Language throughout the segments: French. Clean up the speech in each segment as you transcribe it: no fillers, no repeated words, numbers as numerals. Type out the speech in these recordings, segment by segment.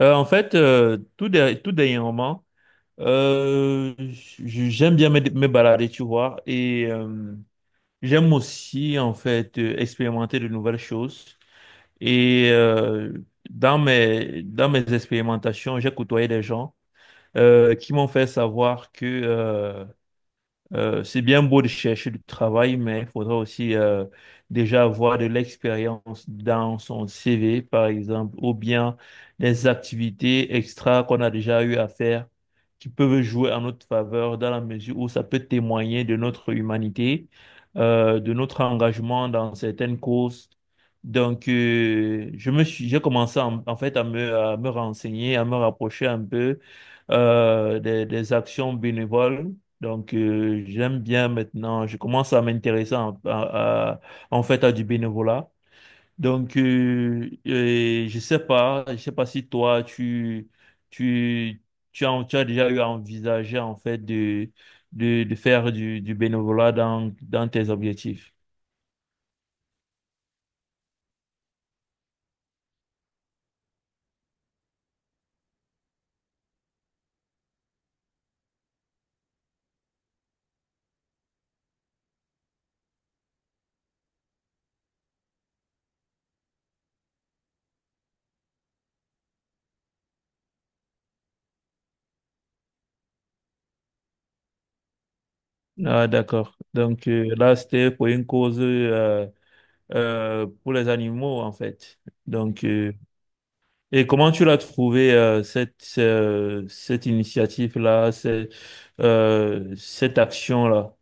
En fait, tout, derrière tout dernièrement, j'aime bien me balader, tu vois, j'aime aussi, en fait, expérimenter de nouvelles choses. Et euh, dans dans mes expérimentations, j'ai côtoyé des gens qui m'ont fait savoir que c'est bien beau de chercher du travail, mais il faudra aussi déjà avoir de l'expérience dans son CV, par exemple, ou bien des activités extra qu'on a déjà eu à faire qui peuvent jouer en notre faveur dans la mesure où ça peut témoigner de notre humanité, de notre engagement dans certaines causes. J'ai commencé en fait à me renseigner, à me rapprocher un peu des actions bénévoles donc, j'aime bien maintenant, je commence à m'intéresser en fait à du bénévolat. Je sais pas si toi, tu, tu as déjà eu à envisager en fait de faire du bénévolat dans, dans tes objectifs. Ah, d'accord. Donc, là, c'était pour une cause pour les animaux en fait. Donc, euh, Et comment tu l'as trouvé cette cette initiative-là, cette cette action-là?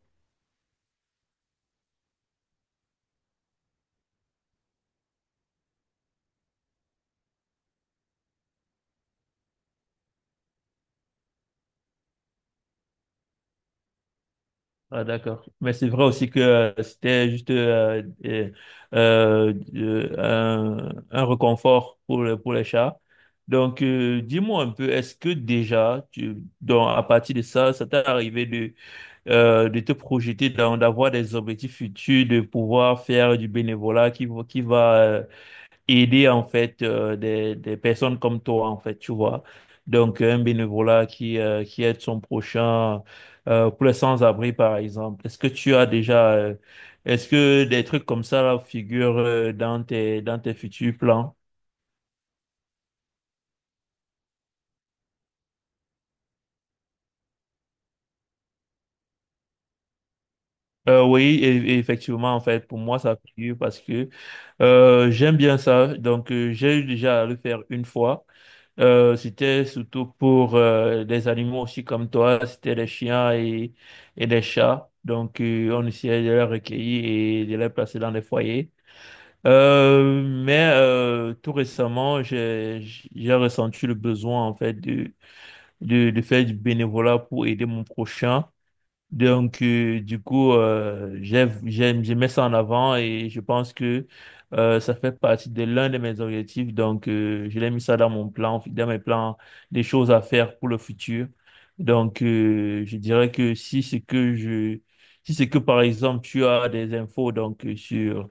Ah d'accord. Mais c'est vrai aussi que c'était juste un réconfort pour pour les chats. Dis-moi un peu, est-ce que déjà tu donc à partir de ça, ça t'est arrivé de te projeter dans d'avoir des objectifs futurs, de pouvoir faire du bénévolat qui va aider en fait des personnes comme toi en fait, tu vois. Donc un bénévolat qui aide son prochain pour les sans-abri par exemple. Est-ce que tu as déjà est-ce que des trucs comme ça là, figurent dans tes futurs plans? Oui, et effectivement, en fait, pour moi, ça figure parce que j'aime bien ça. Donc, j'ai eu déjà à le faire une fois. C'était surtout pour des animaux aussi comme toi, c'était les chiens et les chats. Donc, on essayait de les recueillir et de les placer dans des foyers. Tout récemment, j'ai ressenti le besoin en fait de faire du bénévolat pour aider mon prochain. Donc, du coup, j'aime, je mets ça en avant et je pense que ça fait partie de l'un de mes objectifs. Donc, je l'ai mis ça dans mon plan, dans mes plans, des choses à faire pour le futur. Donc, je dirais que si c'est que par exemple tu as des infos donc sur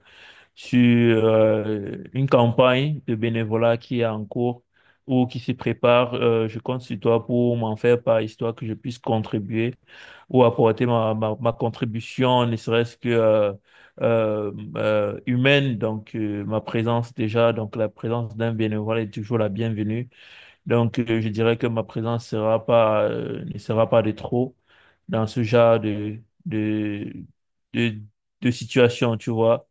sur une campagne de bénévolat qui est en cours ou qui se prépare. Je compte sur toi pour m'en faire part, histoire que je puisse contribuer ou apporter ma contribution, ne serait-ce que euh, humaine. Donc, ma présence déjà, donc la présence d'un bénévole est toujours la bienvenue. Donc, je dirais que ma présence sera pas, ne sera pas de trop dans ce genre de, de situation, tu vois.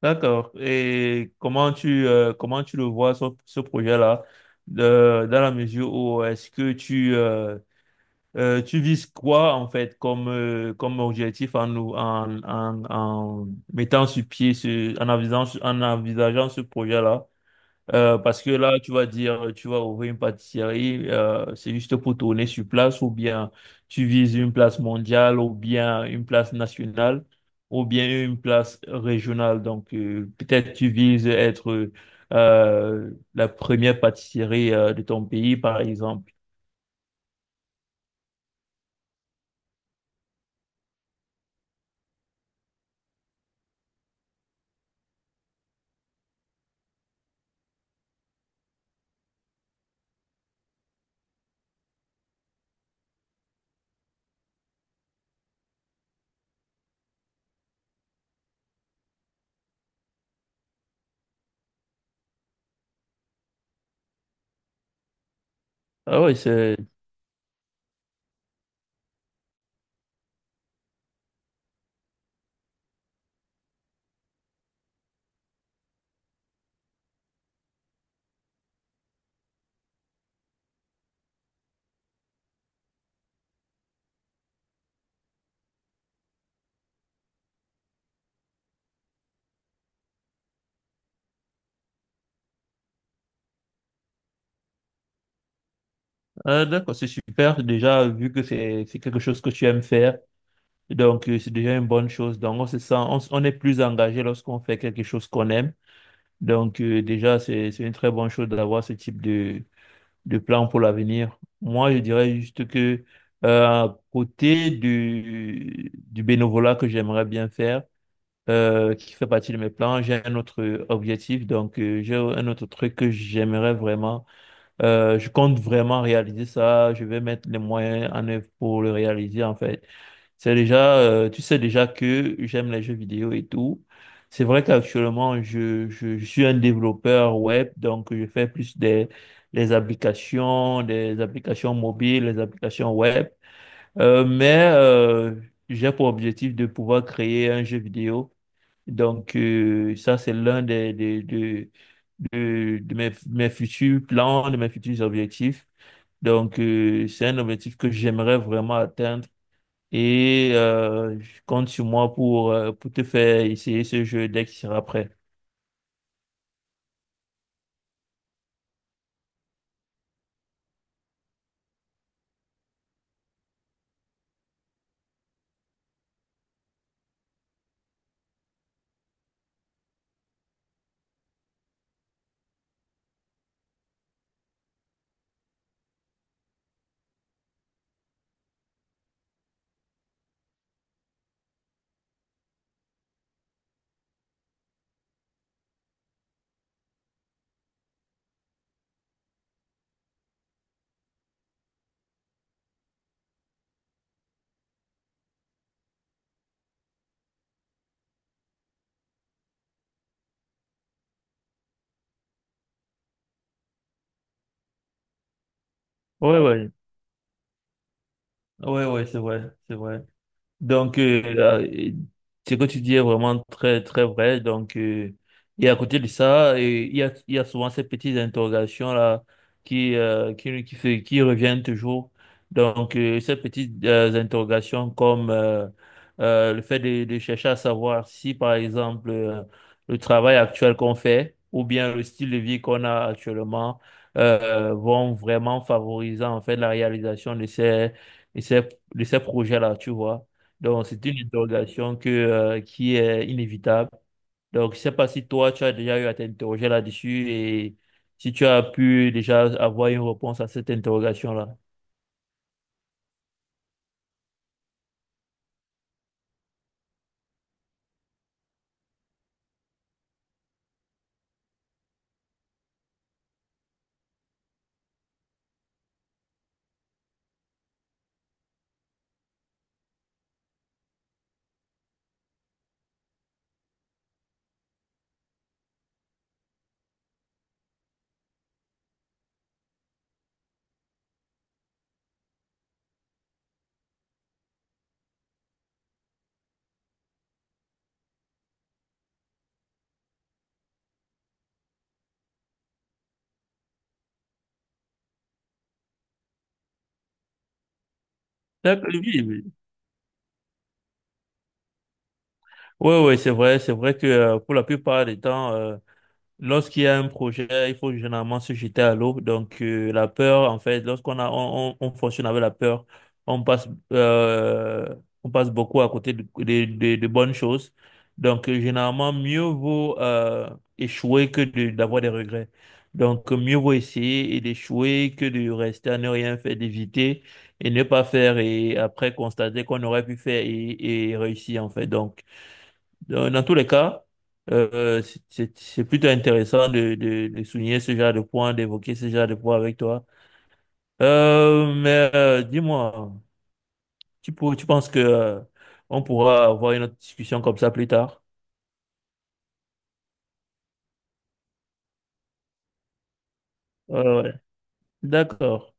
D'accord. Et comment tu le vois, ce projet-là, dans la mesure où est-ce que tu vises quoi, en fait, comme, comme objectif en mettant sur pied, en envisageant ce projet-là? Parce que là, tu vas dire, tu vas ouvrir une pâtisserie, c'est juste pour tourner sur place, ou bien tu vises une place mondiale, ou bien une place nationale, ou bien une place régionale. Donc, peut-être tu vises être la première pâtisserie de ton pays, par exemple. Ah oui, c'est ah, d'accord, c'est super. Déjà, vu que c'est quelque chose que tu aimes faire, donc c'est déjà une bonne chose. Donc, on se sent, on est plus engagé lorsqu'on fait quelque chose qu'on aime. Donc, déjà, c'est une très bonne chose d'avoir ce type de plan pour l'avenir. Moi, je dirais juste que, à côté du bénévolat que j'aimerais bien faire, qui fait partie de mes plans, j'ai un autre objectif. Donc, j'ai un autre truc que j'aimerais vraiment. Je compte vraiment réaliser ça. Je vais mettre les moyens en œuvre pour le réaliser, en fait. C'est déjà, tu sais déjà que j'aime les jeux vidéo et tout. C'est vrai qu'actuellement, je suis un développeur web, donc je fais plus des applications mobiles, des applications web. Euh, mais euh, j'ai pour objectif de pouvoir créer un jeu vidéo. Ça, c'est l'un de mes, mes futurs plans, de mes futurs objectifs. C'est un objectif que j'aimerais vraiment atteindre je compte sur moi pour te faire essayer ce jeu dès qu'il sera prêt. Ouais, ouais. Ouais, ouais, c'est vrai, c'est vrai. Donc, ce que tu dis est vraiment très, très vrai. Donc, et à côté de ça, il y a souvent ces petites interrogations-là qui, qui, qui reviennent toujours. Donc, ces petites interrogations comme le fait de chercher à savoir si, par exemple, le travail actuel qu'on fait ou bien le style de vie qu'on a actuellement vont vraiment favoriser en fait la réalisation de ces, de ces projets-là, tu vois. Donc, c'est une interrogation que, qui est inévitable. Donc, je sais pas si toi, tu as déjà eu à t'interroger là-dessus et si tu as pu déjà avoir une réponse à cette interrogation-là. D'accord. Oui, oui, oui, oui, c'est vrai que pour la plupart des temps, lorsqu'il y a un projet, il faut généralement se jeter à l'eau. Donc, la peur, en fait, lorsqu'on a, on fonctionne avec la peur, on passe, euh, on passe beaucoup à côté de bonnes choses. Donc, généralement, mieux vaut échouer que d'avoir des regrets. Donc, mieux vaut essayer et d'échouer que de rester à ne rien faire, d'éviter et ne pas faire et après constater qu'on aurait pu faire et réussir, en fait. Donc, dans tous les cas, c'est c'est plutôt intéressant de, de souligner ce genre de points, d'évoquer ce genre de points avec toi. Dis-moi, tu penses que on pourra avoir une autre discussion comme ça plus tard? Ouais, ouais. D'accord.